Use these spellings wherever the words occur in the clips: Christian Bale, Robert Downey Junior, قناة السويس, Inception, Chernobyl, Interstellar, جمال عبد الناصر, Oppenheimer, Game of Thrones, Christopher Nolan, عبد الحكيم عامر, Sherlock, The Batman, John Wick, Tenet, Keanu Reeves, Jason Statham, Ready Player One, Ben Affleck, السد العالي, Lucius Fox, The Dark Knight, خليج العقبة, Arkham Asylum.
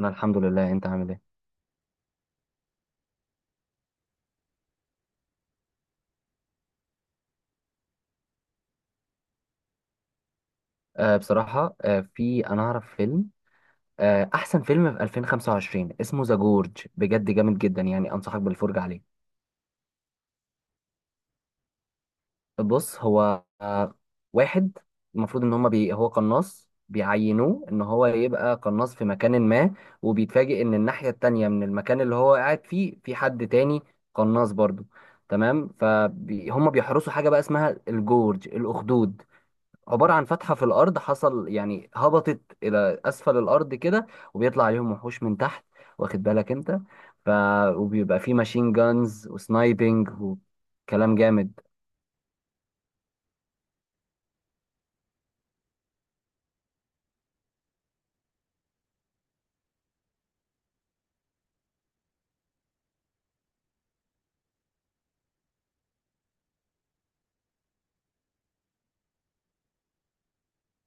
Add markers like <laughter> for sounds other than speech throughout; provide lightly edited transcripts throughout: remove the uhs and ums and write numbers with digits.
انا الحمد لله، انت عامل ايه؟ بصراحه، آه في انا اعرف فيلم. احسن فيلم في 2025 اسمه ذا جورج، بجد جامد جدا، يعني انصحك بالفرجه عليه. بص، هو واحد، المفروض ان هما بي هو قناص، بيعينوه ان هو يبقى قناص في مكان ما. وبيتفاجئ ان الناحيه التانية من المكان اللي هو قاعد فيه في حد تاني، قناص برضه. تمام، فهم بيحرسوا حاجه بقى اسمها الجورج الاخدود، عبارة عن فتحة في الأرض، حصل يعني هبطت إلى أسفل الأرض كده. وبيطلع عليهم وحوش من تحت، واخد بالك أنت؟ ف... وبيبقى فيه ماشين جانز وسنايبنج وكلام جامد.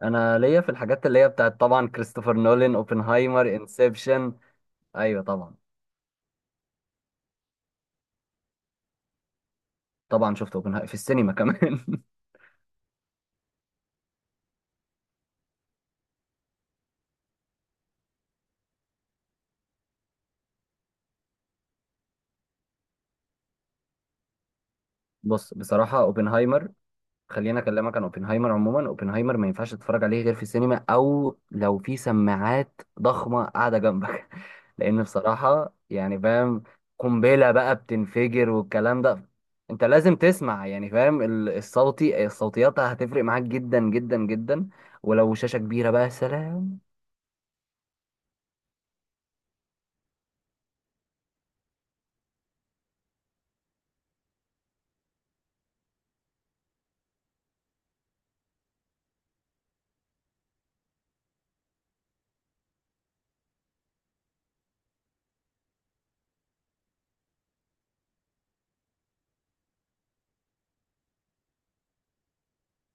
أنا ليا في الحاجات اللي هي بتاعت طبعا كريستوفر نولان، أوبنهايمر، إنسبشن. أيوة طبعا. طبعا شفت أوبنهايمر في السينما كمان <laughs> بص، بصراحة أوبنهايمر، خليني اكلمك عن اوبنهايمر. عموما اوبنهايمر ما ينفعش تتفرج عليه غير في السينما، او لو في سماعات ضخمه قاعده جنبك <laughs> لان بصراحه يعني فاهم، قنبله بقى بتنفجر والكلام ده، انت لازم تسمع يعني فاهم الصوتيات هتفرق معاك جدا جدا جدا. ولو شاشه كبيره بقى سلام.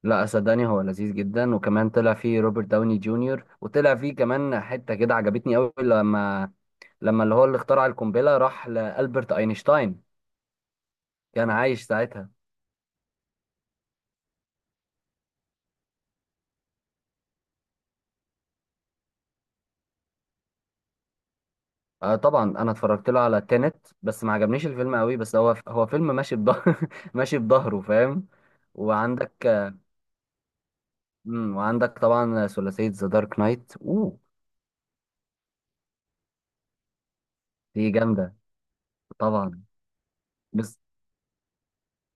لا صدقني، هو لذيذ جدا، وكمان طلع فيه روبرت داوني جونيور، وطلع فيه كمان حته كده عجبتني قوي لما اللي هو اللي اخترع القنبله راح لالبرت اينشتاين، كان عايش ساعتها. طبعا انا اتفرجت له على تينت، بس ما عجبنيش الفيلم قوي، بس هو هو فيلم ماشي بظهر <laughs> ماشي بظهره فاهم. وعندك آه، مم، وعندك طبعا ثلاثية ذا دارك نايت، اوه دي جامدة، طبعا. بس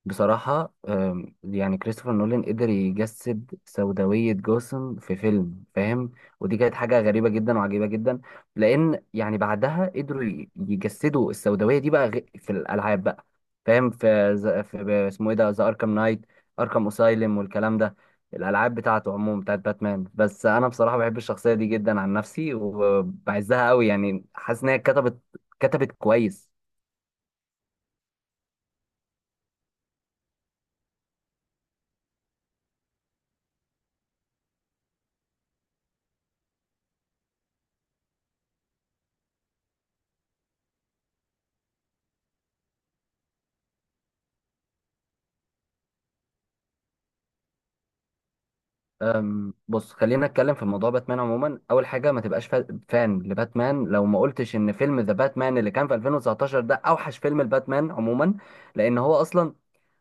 بصراحة يعني كريستوفر نولان قدر يجسد سوداوية جوثام في فيلم فاهم، ودي كانت حاجة غريبة جدا وعجيبة جدا، لأن يعني بعدها قدروا يجسدوا السوداوية دي بقى في الألعاب بقى، فاهم. في اسمه إيه ده، ذا أركام نايت، أركام أسايلم والكلام ده. الألعاب بتاعته عموما بتاعت باتمان. بس أنا بصراحة بحب الشخصية دي جدا عن نفسي وبعزها قوي، يعني حاسس إن هي كتبت كويس. بص، خلينا نتكلم في موضوع باتمان. عموما اول حاجه ما تبقاش فان لباتمان لو ما قلتش ان فيلم ذا باتمان اللي كان في 2019 ده اوحش فيلم لباتمان عموما. لان هو اصلا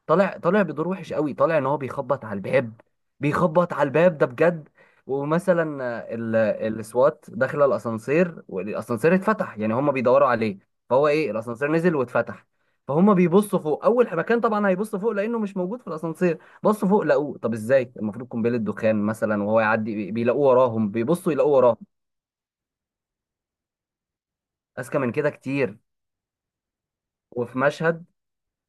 طالع بدور وحش قوي، طالع ان هو بيخبط على الباب، بيخبط على الباب ده بجد. ومثلا السوات داخل الاسانسير، والاسانسير اتفتح يعني هم بيدوروا عليه، فهو ايه، الاسانسير نزل واتفتح. فهم بيبصوا فوق، اول مكان طبعا هيبصوا فوق لانه مش موجود في الاسانسير. بصوا فوق لقوه، طب ازاي؟ المفروض قنبله دخان مثلا وهو يعدي، بيلاقوه وراهم، بيبصوا يلاقوه وراهم. اذكى من كده كتير. وفي مشهد،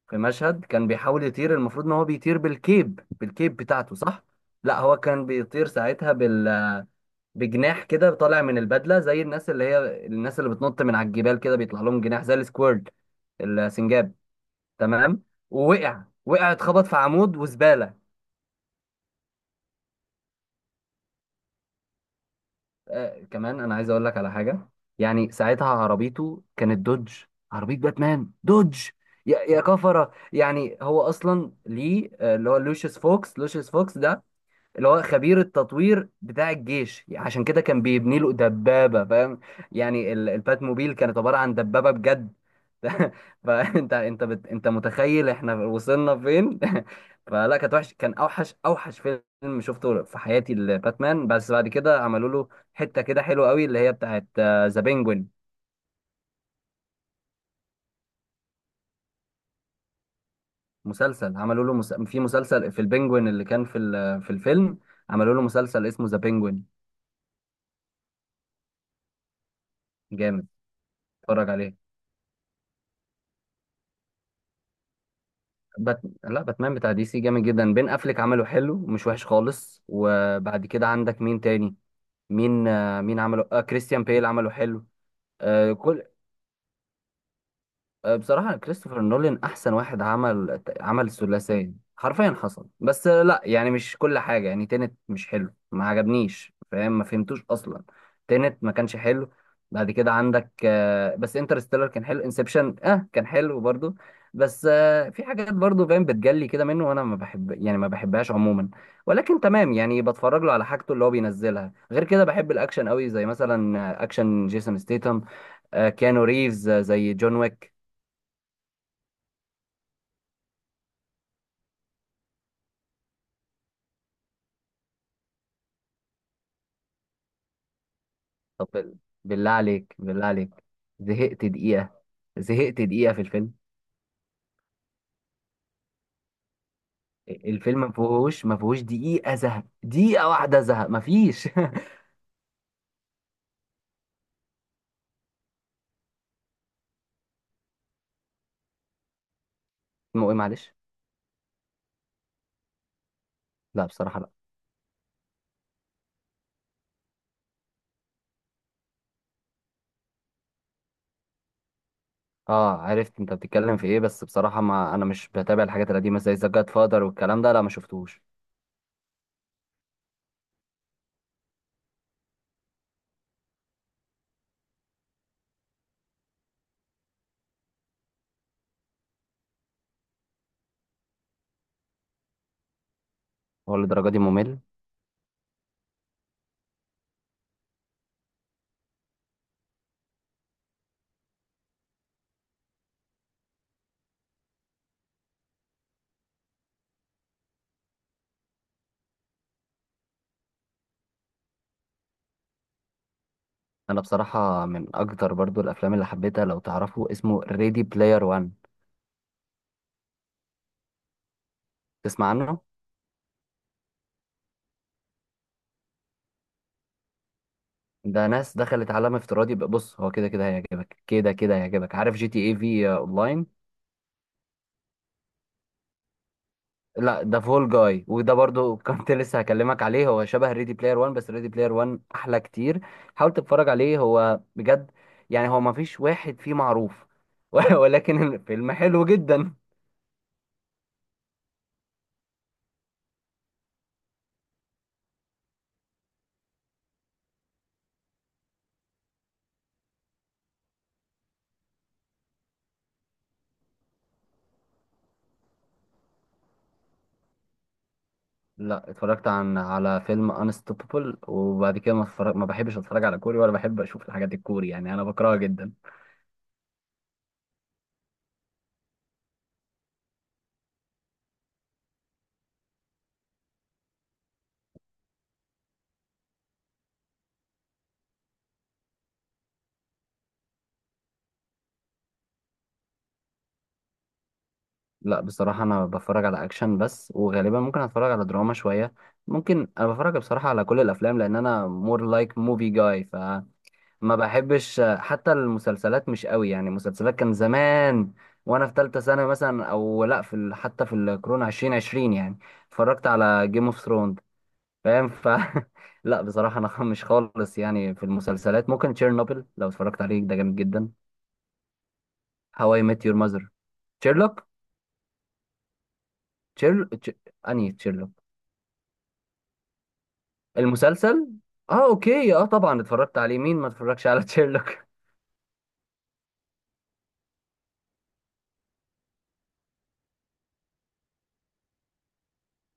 في مشهد كان بيحاول يطير، المفروض ان هو بيطير بالكيب، بالكيب بتاعته صح. لا هو كان بيطير ساعتها بجناح كده طالع من البدله، زي الناس اللي هي الناس اللي بتنط من على الجبال كده بيطلع لهم جناح زي السكويرد، السنجاب، تمام. ووقع، وقع اتخبط في عمود وزباله. آه كمان انا عايز اقول لك على حاجه، يعني ساعتها عربيته كانت دوج، عربيه باتمان دوج. يا كفره، يعني هو اصلا ليه، اللي هو لوشيس فوكس، لوشيس فوكس ده اللي هو خبير التطوير بتاع الجيش، عشان كده كان بيبني له دبابة فاهم. يعني البات موبيل كانت عبارة عن دبابة بجد <laughs> انت متخيل احنا وصلنا فين؟ <laughs> فلا كانت وحش، كان اوحش، اوحش فيلم شفته في حياتي، الباتمان. بس بعد كده عملوا له حتة كده حلوة قوي اللي هي بتاعت ذا بينجوين. مسلسل، في مسلسل في البينجوين اللي كان في الفيلم، عملوا له مسلسل اسمه ذا بينجوين. جامد، اتفرج عليه. لا، باتمان بتاع دي سي جامد جدا، بين افليك عمله حلو مش وحش خالص. وبعد كده عندك مين تاني، مين عمله، آه كريستيان بيل عمله حلو. آه كل آه، بصراحة كريستوفر نولان أحسن واحد، عمل عمل الثلاثية حرفيا حصل. بس لا يعني مش كل حاجة، يعني تينت مش حلو، ما عجبنيش فاهم، ما فهمتوش أصلا. تينت ما كانش حلو. بعد كده عندك بس انترستيلر كان حلو، انسبشن اه كان حلو برضو. بس في حاجات برضو فاهم بتجلي كده منه، وانا ما بحب يعني ما بحبهاش عموما. ولكن تمام، يعني بتفرج له على حاجته اللي هو بينزلها. غير كده بحب الاكشن قوي، زي مثلا اكشن جيسون ستيتم، كيانو ريفز، زي جون ويك. طب بالله عليك، بالله عليك. زهقت دقيقة، زهقت دقيقة في الفيلم. الفيلم ما فيهوش دقيقة زهق، دقيقة واحدة زهق، ما فيش <laughs> اسمه ايه معلش؟ لا بصراحة لا. اه عرفت انت بتتكلم في ايه، بس بصراحة ما انا مش بتابع الحاجات القديمة زي ذا جاد فادر والكلام ده، لا ما شفتوش. هو للدرجة دي ممل؟ انا بصراحة من اكتر برضو الافلام اللي حبيتها، لو تعرفوا اسمه، ريدي بلاير وان، تسمع عنه؟ ده ناس دخلت عالم افتراضي بقى- بص هو كده كده هيعجبك، كده كده هيعجبك، عارف جي تي اي في اونلاين؟ لا ده فول جاي، وده برضو <laughs> كنت لسه هكلمك عليه، هو شبه ريدي بلاير 1، بس ريدي بلاير 1 احلى كتير. حاول تتفرج عليه هو بجد، يعني هو ما فيش واحد فيه معروف <laughs> ولكن الفيلم حلو جدا. لا اتفرجت على فيلم انستوبابل. وبعد كده ما بحبش اتفرج على كوري، ولا بحب اشوف الحاجات الكوري، يعني انا بكرهها جدا. لا بصراحة أنا بتفرج على أكشن بس، وغالبا ممكن أتفرج على دراما شوية. ممكن أنا بتفرج بصراحة على كل الأفلام، لأن أنا more like movie guy. فما بحبش حتى المسلسلات مش قوي، يعني المسلسلات كان زمان، وأنا في تالتة سنة مثلا أو لأ حتى في الكورونا عشرين عشرين يعني، اتفرجت على جيم اوف ثرونز فاهم <laughs> لا بصراحة أنا <laughs> مش خالص، يعني في المسلسلات ممكن تشيرنوبل لو اتفرجت عليه ده جامد جدا، هواي ميت يور ماذر، تشيرلوك. تشيرل تش... أنهي تشيرلوك؟ المسلسل؟ اه اوكي، اه طبعا اتفرجت عليه، مين ما اتفرجش على تشيرلوك؟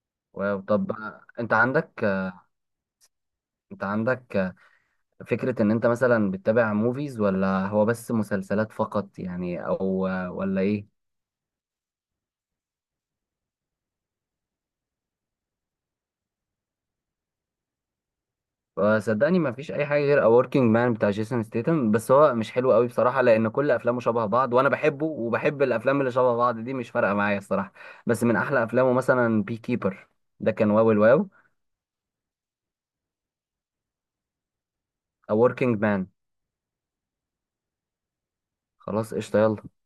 <laughs> واو. طب انت عندك انت عندك فكرة ان انت مثلا بتتابع موفيز ولا هو بس مسلسلات فقط يعني، او ولا ايه؟ صدقني ما فيش اي حاجة غير A Working Man بتاع جيسون ستيتم. بس هو مش حلو قوي بصراحة، لان كل افلامه شبه بعض، وانا بحبه وبحب الافلام اللي شبه بعض دي، مش فارقة معايا الصراحة. بس من احلى افلامه مثلا بي كيبر، ده كان واو الواو. A Working Man. خلاص قشطة يلا.